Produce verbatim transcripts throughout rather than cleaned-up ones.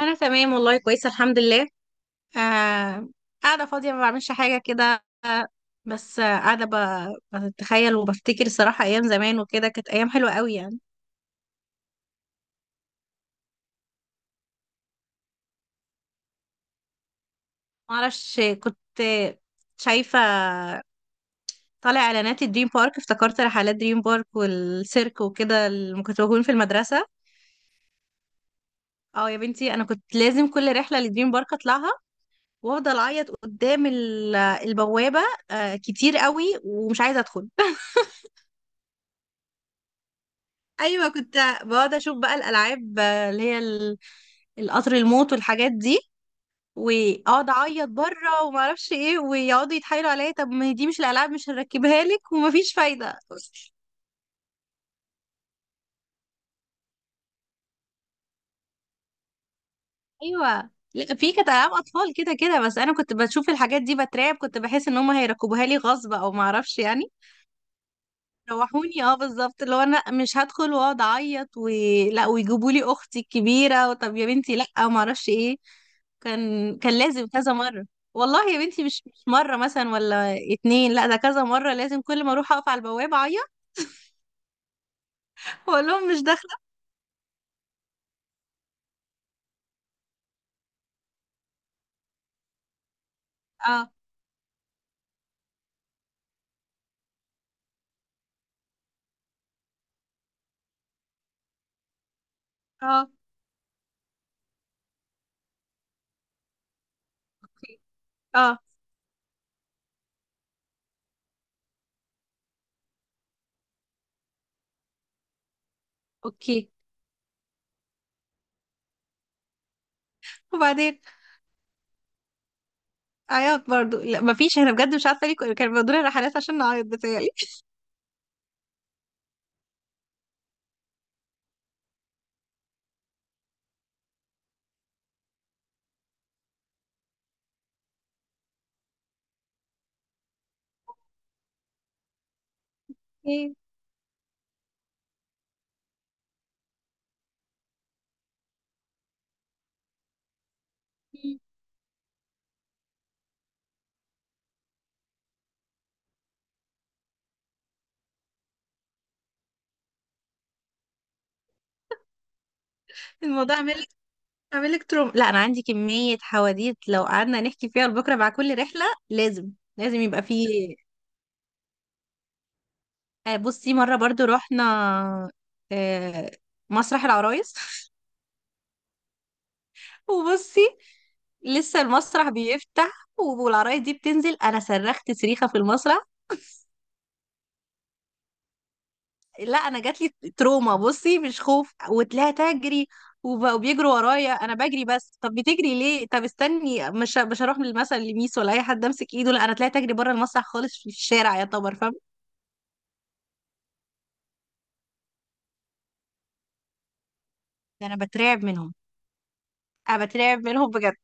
انا تمام والله كويسه الحمد لله. آه قاعده فاضيه ما بعملش حاجه كده، آه، بس آه، قاعده ب- بتخيل وبفتكر صراحه ايام زمان وكده. كانت ايام حلوه قوي يعني. ما اعرفش، كنت شايفه طالع اعلانات الدريم بارك، افتكرت رحلات دريم بارك والسيرك وكده اللي كنت بكون في المدرسه. اه يا بنتي، انا كنت لازم كل رحله لدريم بارك اطلعها، وافضل اعيط قدام ال- البوابه آه، كتير قوي ومش عايزه ادخل. ايوه كنت بقعد اشوف بقى الالعاب، آه، اللي هي ال- القطر الموت والحاجات دي، واقعد اعيط بره وما اعرفش ايه، ويقعدوا يتحايلوا عليا طب ما هي دي مش الالعاب مش هنركبها لك، ومفيش فايده. ايوه لا، في كانت العاب اطفال كده كده، بس انا كنت بشوف الحاجات دي بترعب، كنت بحس ان هم هيركبوها لي غصب او ما اعرفش يعني. روحوني اه بالظبط، اللي هو انا مش هدخل واقعد اعيط و... لا، ويجيبوا لي اختي الكبيره، وطب يا بنتي لا ما اعرفش ايه. كان كان لازم كذا مره. والله يا بنتي، مش مش مره مثلا ولا اتنين، لا ده كذا مره لازم كل ما اروح اقف على البوابه اعيط. واقول لهم مش داخله. اه، اه، اوكي. اه، اوكي. وبعدين عيط برضو. لا مفيش، انا بجد مش عارفه ليه كانوا بيودونا رحلات عشان نعيط بتهيألي. الموضوع مل اعمل لك تروم. لا انا عندي كمية حواديت لو قعدنا نحكي فيها لبكره، مع كل رحلة لازم لازم يبقى فيه. آه، بصي، مرة برضو رحنا آه، مسرح العرايس. وبصي، لسه المسرح بيفتح والعرايس دي بتنزل، انا صرخت صريخة في المسرح. لا انا جاتلي تروما، بصي مش خوف. وتلاقيها تجري وب- وبيجروا ورايا، انا بجري. بس طب بتجري ليه؟ طب استني، مش ه- مش هروح مثلا لميس ولا اي حد امسك ايده. لا انا تلاقيها تجري بره المسرح خالص في الشارع يعتبر، فاهم. ده انا بترعب منهم. انا بترعب منهم بجد،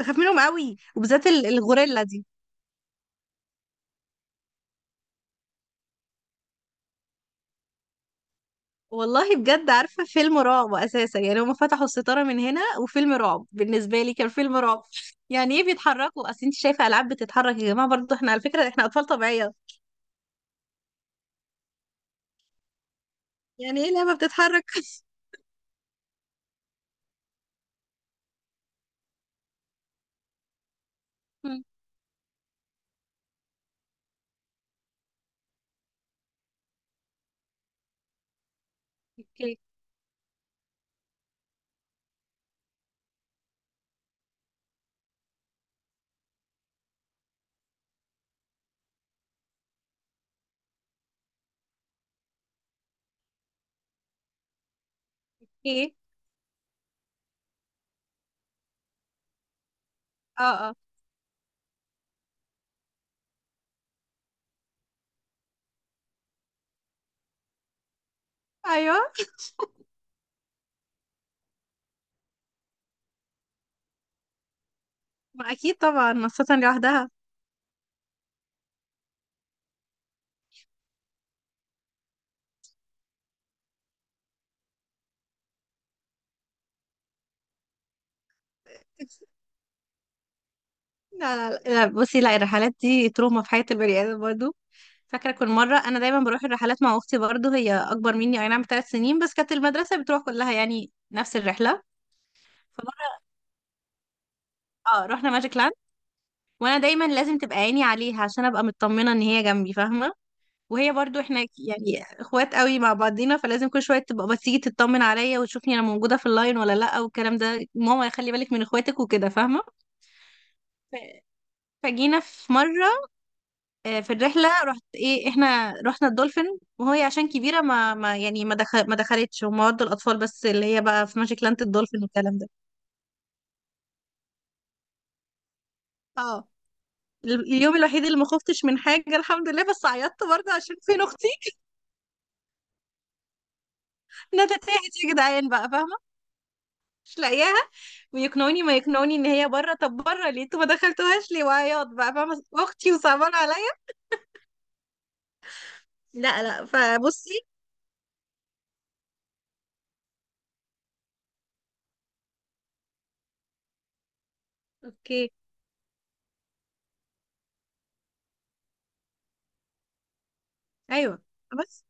بخاف منهم قوي، وبالذات ال- الغوريلا دي. والله بجد عارفه، فيلم رعب اساسا يعني. هما فتحوا الستاره من هنا، وفيلم رعب بالنسبه لي كان فيلم رعب. يعني ايه بيتحركوا؟ اصل انت شايفه العاب بتتحرك يا جماعه؟ برضو احنا على فكره احنا اطفال طبيعيه. يعني ايه لعبة بتتحرك؟ مم. اوكي. ايه. اه. اه. ايوه. ما اكيد طبعا، خاصة لوحدها. لا، لا، لا، بصي. لا الرحلات دي تروما في حياة البني آدم برضه. فاكرة كل مرة أنا دايما بروح الرحلات مع أختي برضه، هي أكبر مني أي نعم بثلاث سنين، بس كانت المدرسة بتروح كلها يعني نفس الرحلة. فمرة اه رحنا ماجيك لاند. وأنا دايما لازم تبقى عيني عليها عشان أبقى مطمنة إن هي جنبي، فاهمة. وهي برضو، احنا يعني اخوات قوي مع بعضينا، فلازم كل شويه تبقى بتيجي تطمن عليا وتشوفني انا موجوده في اللاين ولا لا، والكلام ده ماما خلي بالك من اخواتك وكده، فاهمه. ف- فجينا في مره، آه، في الرحله رحت ايه، احنا رحنا الدولفين، وهي عشان كبيره ما, ما يعني ما, دخل ما دخلتش، هم ودوا الاطفال بس، اللي هي بقى في ماجيك لاند الدولفين والكلام ده. اه، ال- اليوم الوحيد اللي ما خفتش من حاجه الحمد لله، بس عيطت برضه عشان فين اختي. ندى تاهت يا جدعان بقى، فاهمه، مش لاقياها. ويقنعوني ما يقنعوني ان هي بره. طب بره ليه؟ انتوا ما دخلتوهاش ليه؟ وعياط بقى، فاهمه، اختي وصعبان عليا. لا لا، فبصي. اوكي. ايوه بس.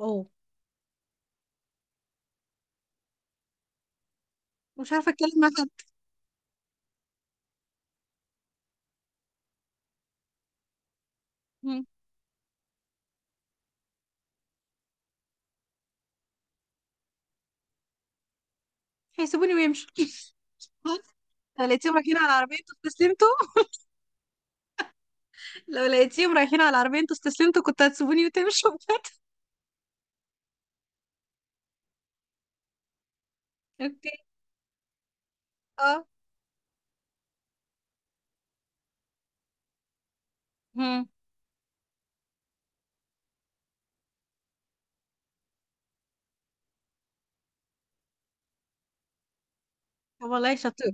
اوه مش عارفه اتكلم مع حد. مم. هيسيبوني ويمشوا. لو لقيتيهم رايحين على العربيه انتوا استسلمتوا. لو لقيتيهم رايحين على العربيه انتوا استسلمتوا كنت هتسيبوني وتمشوا. بجد. اوكي. اه. مم. طب والله شاطر.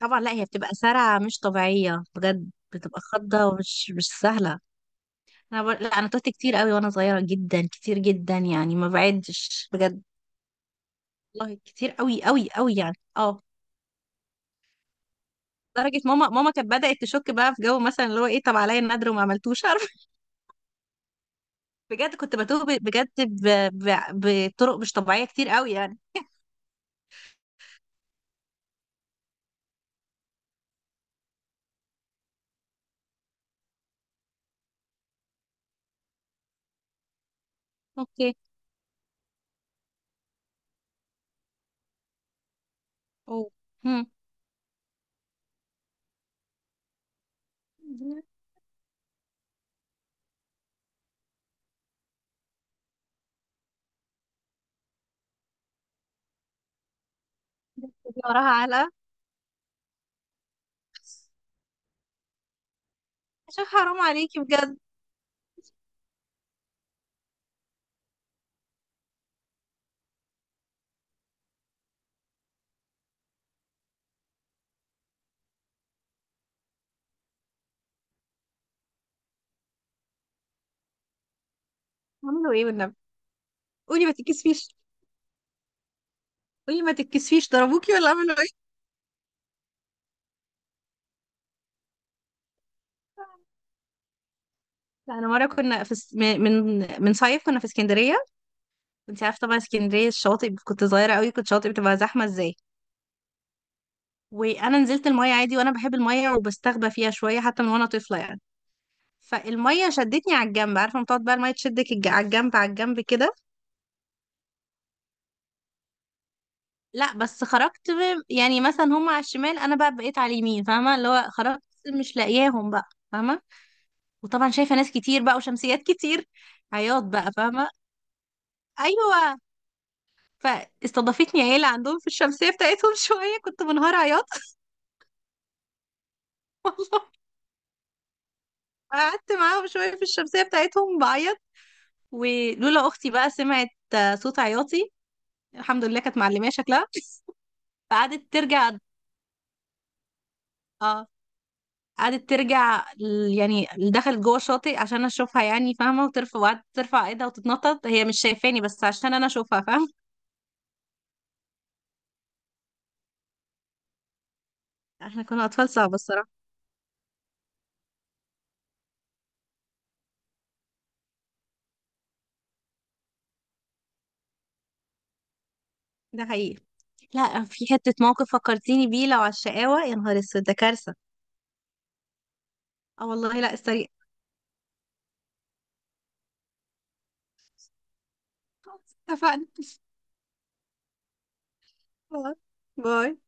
طبعا، لا هي بتبقى سرعه مش طبيعيه بجد، بتبقى خضه ومش مش سهله. انا بقول... لا انا تهت كتير قوي وانا صغيره جدا، كتير جدا يعني، ما بعدش بجد. والله كتير قوي قوي قوي يعني، اه. لدرجه ماما ماما كانت بدات تشك بقى في جو، مثلا اللي هو ايه طب عليا النادر وما عملتوش، عارف. بجد كنت بتوه ب- بجد ب... ب... بطرق مش طبيعيه كتير قوي يعني. اوكي. اوه. هم. دي وراها علقه، عشان حرام عليكي بجد. عملوا ايه والنبي؟ قولي ما تتكسفيش. قولي ما تتكسفيش، ضربوكي ولا عملوا ايه؟ لا انا مره كنا في اس- من من من صيف، كنا في اسكندريه. انت عارفه طبعا اسكندريه الشواطئ، كنت صغيره قوي، كنت شاطئ بتبقى زحمه ازاي. وانا نزلت الميه عادي، وانا بحب الميه وبستخبى فيها شويه حتى من وانا طفله يعني. فالميه شدتني على الجنب، عارفه لما تقعد بقى الميه تشدك الج- على الجنب، على الجنب كده. لا بس خرجت ب- يعني مثلا هم على الشمال انا بقى بقيت على اليمين، فاهمه، اللي هو خرجت مش لاقياهم بقى، فاهمه. وطبعا شايفه ناس كتير بقى وشمسيات كتير. عياط بقى، فاهمه. ايوه، فاستضافتني عيله عندهم في الشمسيه بتاعتهم. شويه كنت منهار عياط. والله. قعدت معاهم شوية في الشمسية بتاعتهم بعيط، ولولا أختي بقى سمعت آه، صوت عياطي. الحمد لله كانت معلمية شكلها، فقعدت ترجع. اه، قعدت ترجع ل- يعني دخلت جوه الشاطئ عشان اشوفها يعني، فاهمه، وترفع، وقعدت ترفع ايدها وتتنطط هي مش شايفاني بس عشان انا اشوفها، فاهمه. احنا كنا اطفال صعبه الصراحه. ده حقيقي. لا في حته موقف فكرتيني بيه، لو على الشقاوه يا نهار اسود ده كارثه. اه والله لا استريق. خلاص، اتفقنا. باي.